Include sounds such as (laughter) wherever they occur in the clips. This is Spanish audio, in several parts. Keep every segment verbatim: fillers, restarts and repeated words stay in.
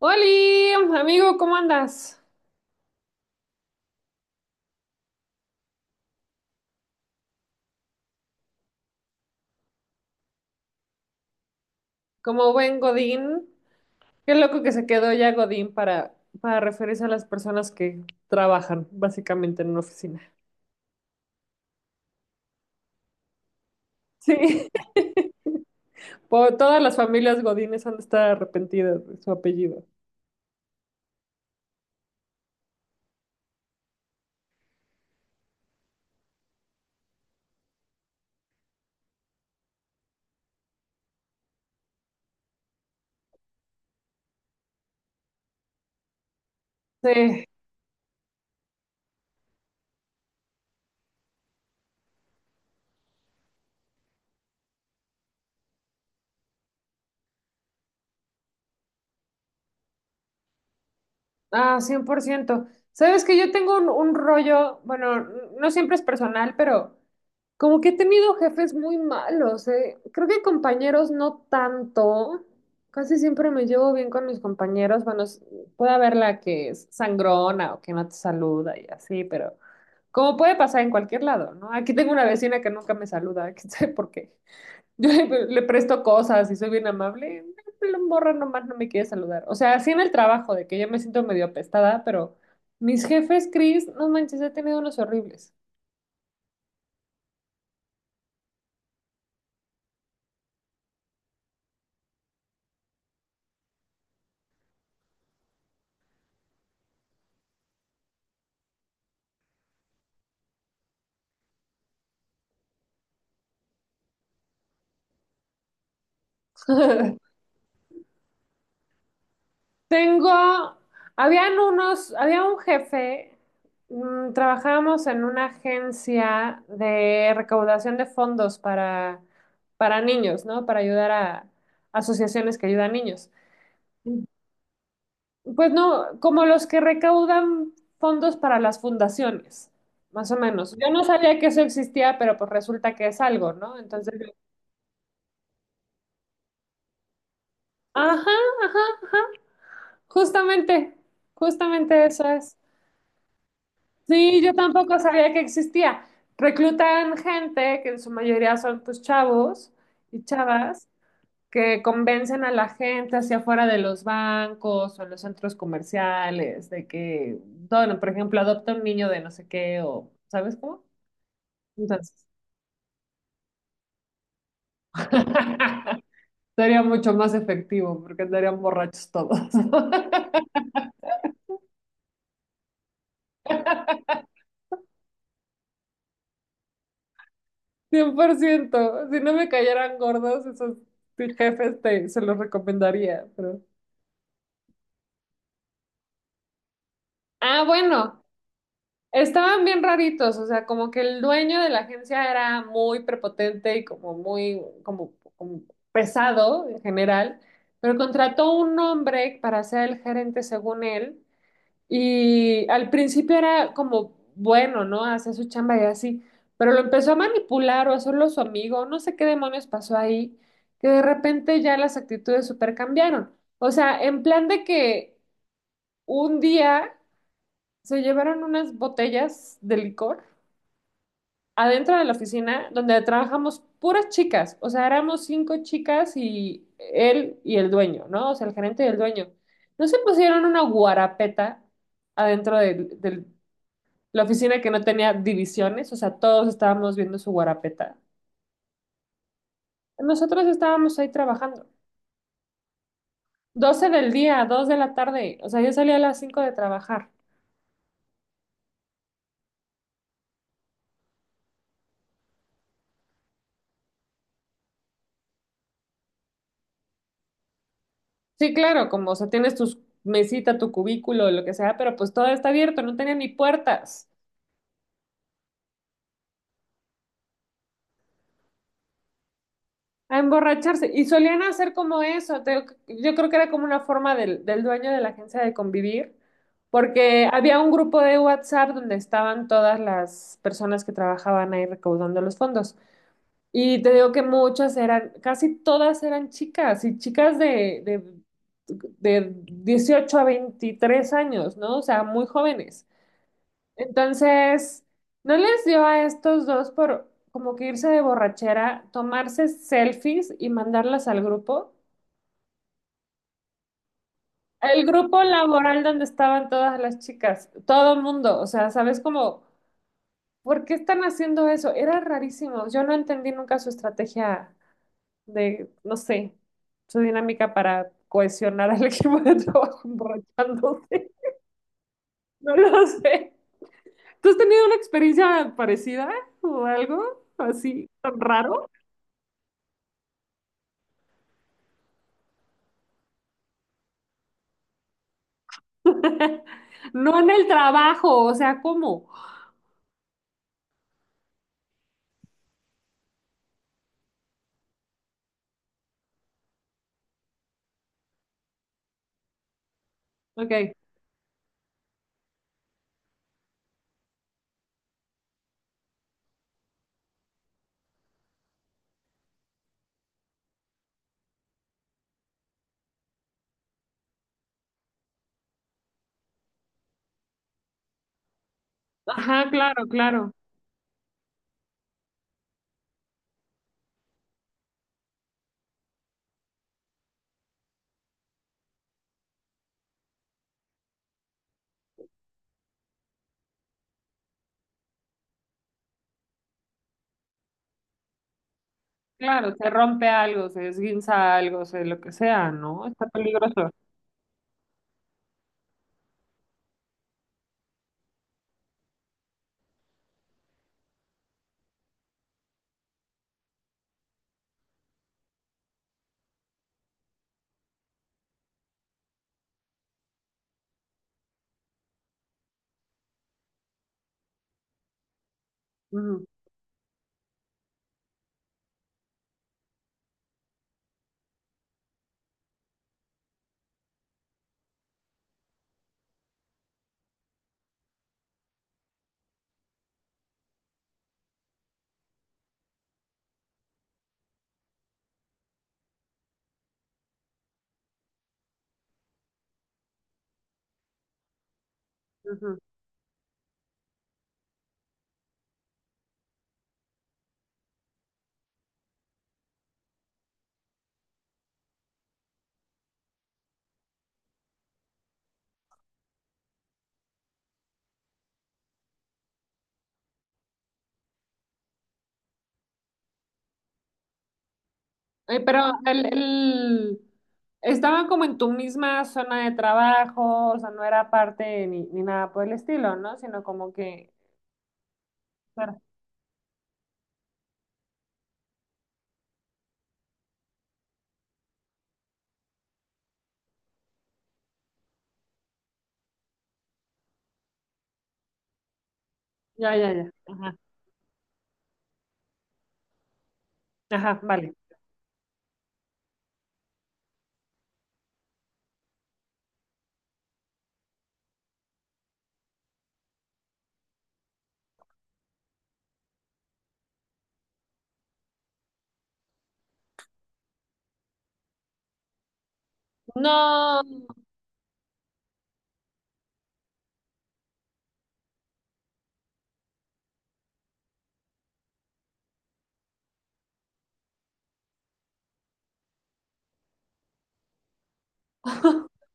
Oli, amigo, ¿cómo andas? Como buen Godín. Qué loco que se quedó ya Godín para, para referirse a las personas que trabajan básicamente en una oficina. Sí, (laughs) por, todas las familias Godines han de estar arrepentidas de su apellido. Sí. Ah, cien por ciento. Sabes que yo tengo un, un rollo. Bueno, no siempre es personal, pero como que he tenido jefes muy malos, eh. Creo que compañeros no tanto. Casi siempre me llevo bien con mis compañeros. Bueno, s- puede haber la que es sangrona o que no te saluda y así, pero como puede pasar en cualquier lado, ¿no? Aquí tengo una vecina que nunca me saluda, (laughs) que sé por qué. (laughs) Yo le, le presto cosas y soy bien amable. No, la morra nomás no me quiere saludar. O sea, así en el trabajo, de que ya me siento medio apestada, pero mis jefes, Chris, no manches, he tenido unos horribles. (laughs) Tengo, habían unos, había un jefe, mm, trabajábamos en una agencia de recaudación de fondos para, para niños, ¿no? Para ayudar a asociaciones que ayudan a niños. Pues no, como los que recaudan fondos para las fundaciones, más o menos. Yo no sabía que eso existía, pero pues resulta que es algo, ¿no? Entonces, yo, ajá, ajá, ajá, justamente, justamente eso es. Sí, yo tampoco sabía que existía. Reclutan gente, que en su mayoría son pues chavos y chavas, que convencen a la gente hacia afuera de los bancos o en los centros comerciales de que, bueno, por ejemplo, adopta un niño de no sé qué o, ¿sabes cómo? Entonces, (laughs) sería mucho más efectivo porque andarían borrachos todos. (laughs) Cien por ciento. Si no me cayeran gordos, esos jefes te, se los recomendaría. Pero... Ah, bueno, estaban bien raritos. O sea, como que el dueño de la agencia era muy prepotente y como muy como, como pesado en general. Pero contrató un hombre para ser el gerente según él. Y al principio era como bueno, ¿no? Hacía su chamba y así, pero lo empezó a manipular o a hacerlo su amigo, no sé qué demonios pasó ahí, que de repente ya las actitudes super cambiaron. O sea, en plan de que un día se llevaron unas botellas de licor adentro de la oficina donde trabajamos puras chicas, o sea, éramos cinco chicas y él y el dueño, ¿no? O sea, el gerente y el dueño. No se pusieron una guarapeta adentro del, del la oficina que no tenía divisiones, o sea, todos estábamos viendo su guarapeta. Nosotros estábamos ahí trabajando. Doce del día, dos de la tarde, o sea, yo salía a las cinco de trabajar. Sí, claro, como, o sea, tienes tu mesita, tu cubículo, lo que sea, pero pues todo está abierto, no tenía ni puertas. A emborracharse. Y solían hacer como eso, te- yo creo que era como una forma del, del dueño de la agencia de convivir. Porque había un grupo de WhatsApp donde estaban todas las personas que trabajaban ahí recaudando los fondos. Y te digo que muchas eran, casi todas eran chicas, y chicas de, de, de dieciocho a veintitrés años, ¿no? O sea, muy jóvenes. Entonces, ¿no les dio a estos dos por como que irse de borrachera, tomarse selfies y mandarlas al grupo? El grupo laboral donde estaban todas las chicas, todo el mundo, o sea, ¿sabes cómo? ¿Por qué están haciendo eso? Era rarísimo, yo no entendí nunca su estrategia de, no sé, su dinámica para cohesionar al (laughs) equipo de trabajo emborrachándose. No lo sé. ¿Tú has tenido una experiencia parecida o algo así tan raro? (laughs) No en el trabajo, o sea, ¿cómo? Ok. Ajá, claro, claro. Claro, se rompe algo, se esguinza algo, se lo que sea, ¿no? Está peligroso. Ujú, ujú. Oye, pero el, el- estaba como en tu misma zona de trabajo, o sea, no era parte ni, ni nada por el estilo, ¿no? Sino como que... Claro. Ya, ya, ya. Ajá, ajá, vale. No. (laughs)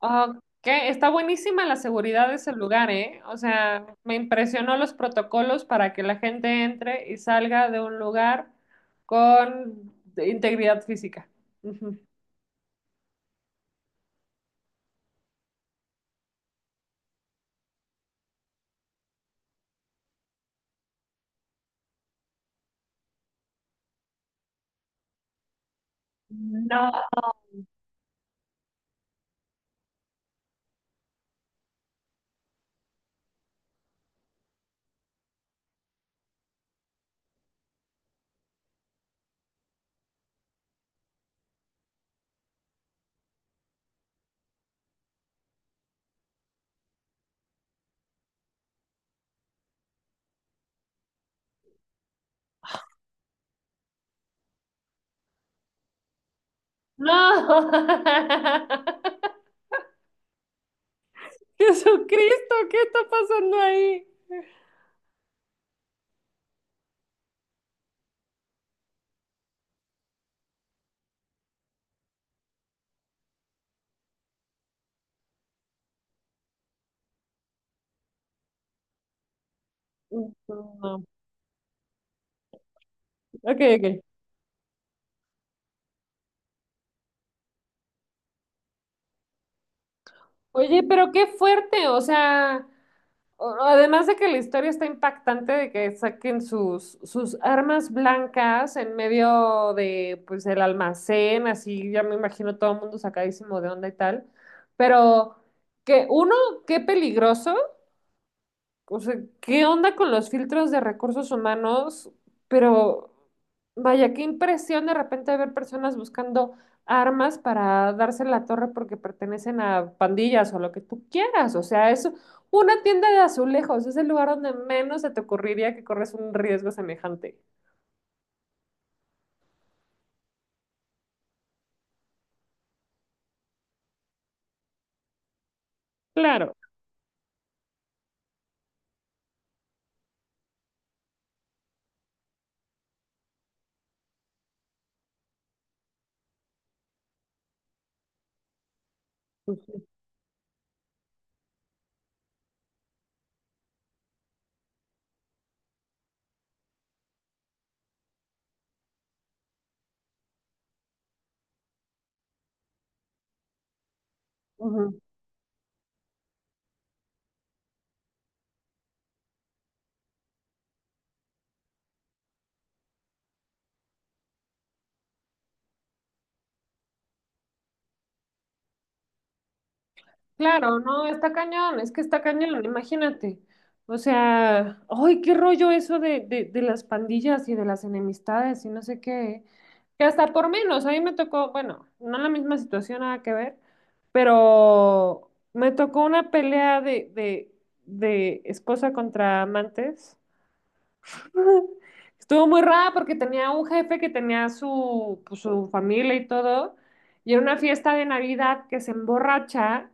Ok, está buenísima la seguridad de ese lugar, ¿eh? O sea, me impresionó los protocolos para que la gente entre y salga de un lugar con integridad física. Ujú. No, no. (laughs) (laughs) Jesucristo, ¿qué está pasando ahí? No. Ok, ok. Oye, pero qué fuerte, o sea, o- además de que la historia está impactante de que saquen sus, sus armas blancas en medio de, pues, el almacén, así ya me imagino todo el mundo sacadísimo de onda y tal, pero que uno, qué peligroso. O sea, ¿qué onda con los filtros de recursos humanos? Pero vaya, qué impresión de repente ver personas buscando armas para darse en la torre porque pertenecen a pandillas o lo que tú quieras. O sea, es una tienda de azulejos, es el lugar donde menos se te ocurriría que corres un riesgo semejante. Claro. Ujú. Claro, no, está cañón, es que está cañón, imagínate. O sea, ay, qué rollo eso de, de, de las pandillas y de las enemistades y no sé qué. Que hasta por menos, a mí me tocó, bueno, no la misma situación, nada que ver, pero me tocó una pelea de, de, de esposa contra amantes. Estuvo muy rara porque tenía un jefe que tenía su, pues, su familia y todo, y era una fiesta de Navidad que se emborracha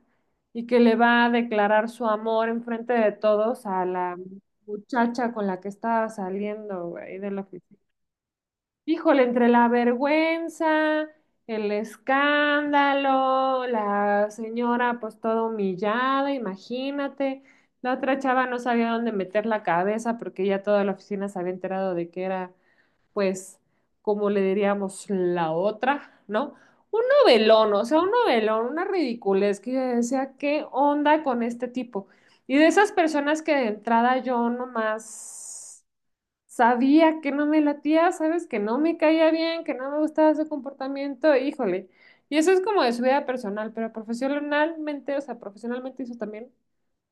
y que le va a declarar su amor enfrente de todos a la muchacha con la que estaba saliendo, güey, de la oficina. Híjole, entre la vergüenza, el escándalo, la señora pues toda humillada, imagínate. La otra chava no sabía dónde meter la cabeza porque ya toda la oficina se había enterado de que era pues, como le diríamos, la otra, ¿no? Un novelón, o sea, un novelón, una ridiculez que yo decía, ¿qué onda con este tipo? Y de esas personas que de entrada yo nomás sabía que no me latía, sabes, que no me caía bien, que no me gustaba su comportamiento, híjole. Y eso es como de su vida personal, pero profesionalmente, o sea, profesionalmente hizo también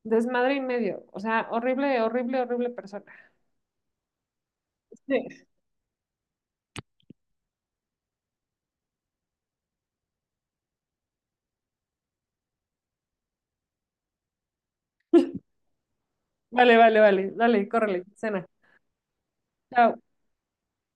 desmadre y medio. O sea, horrible, horrible, horrible persona. Sí. Vale, vale, vale. Dale, córrele, cena. Chao.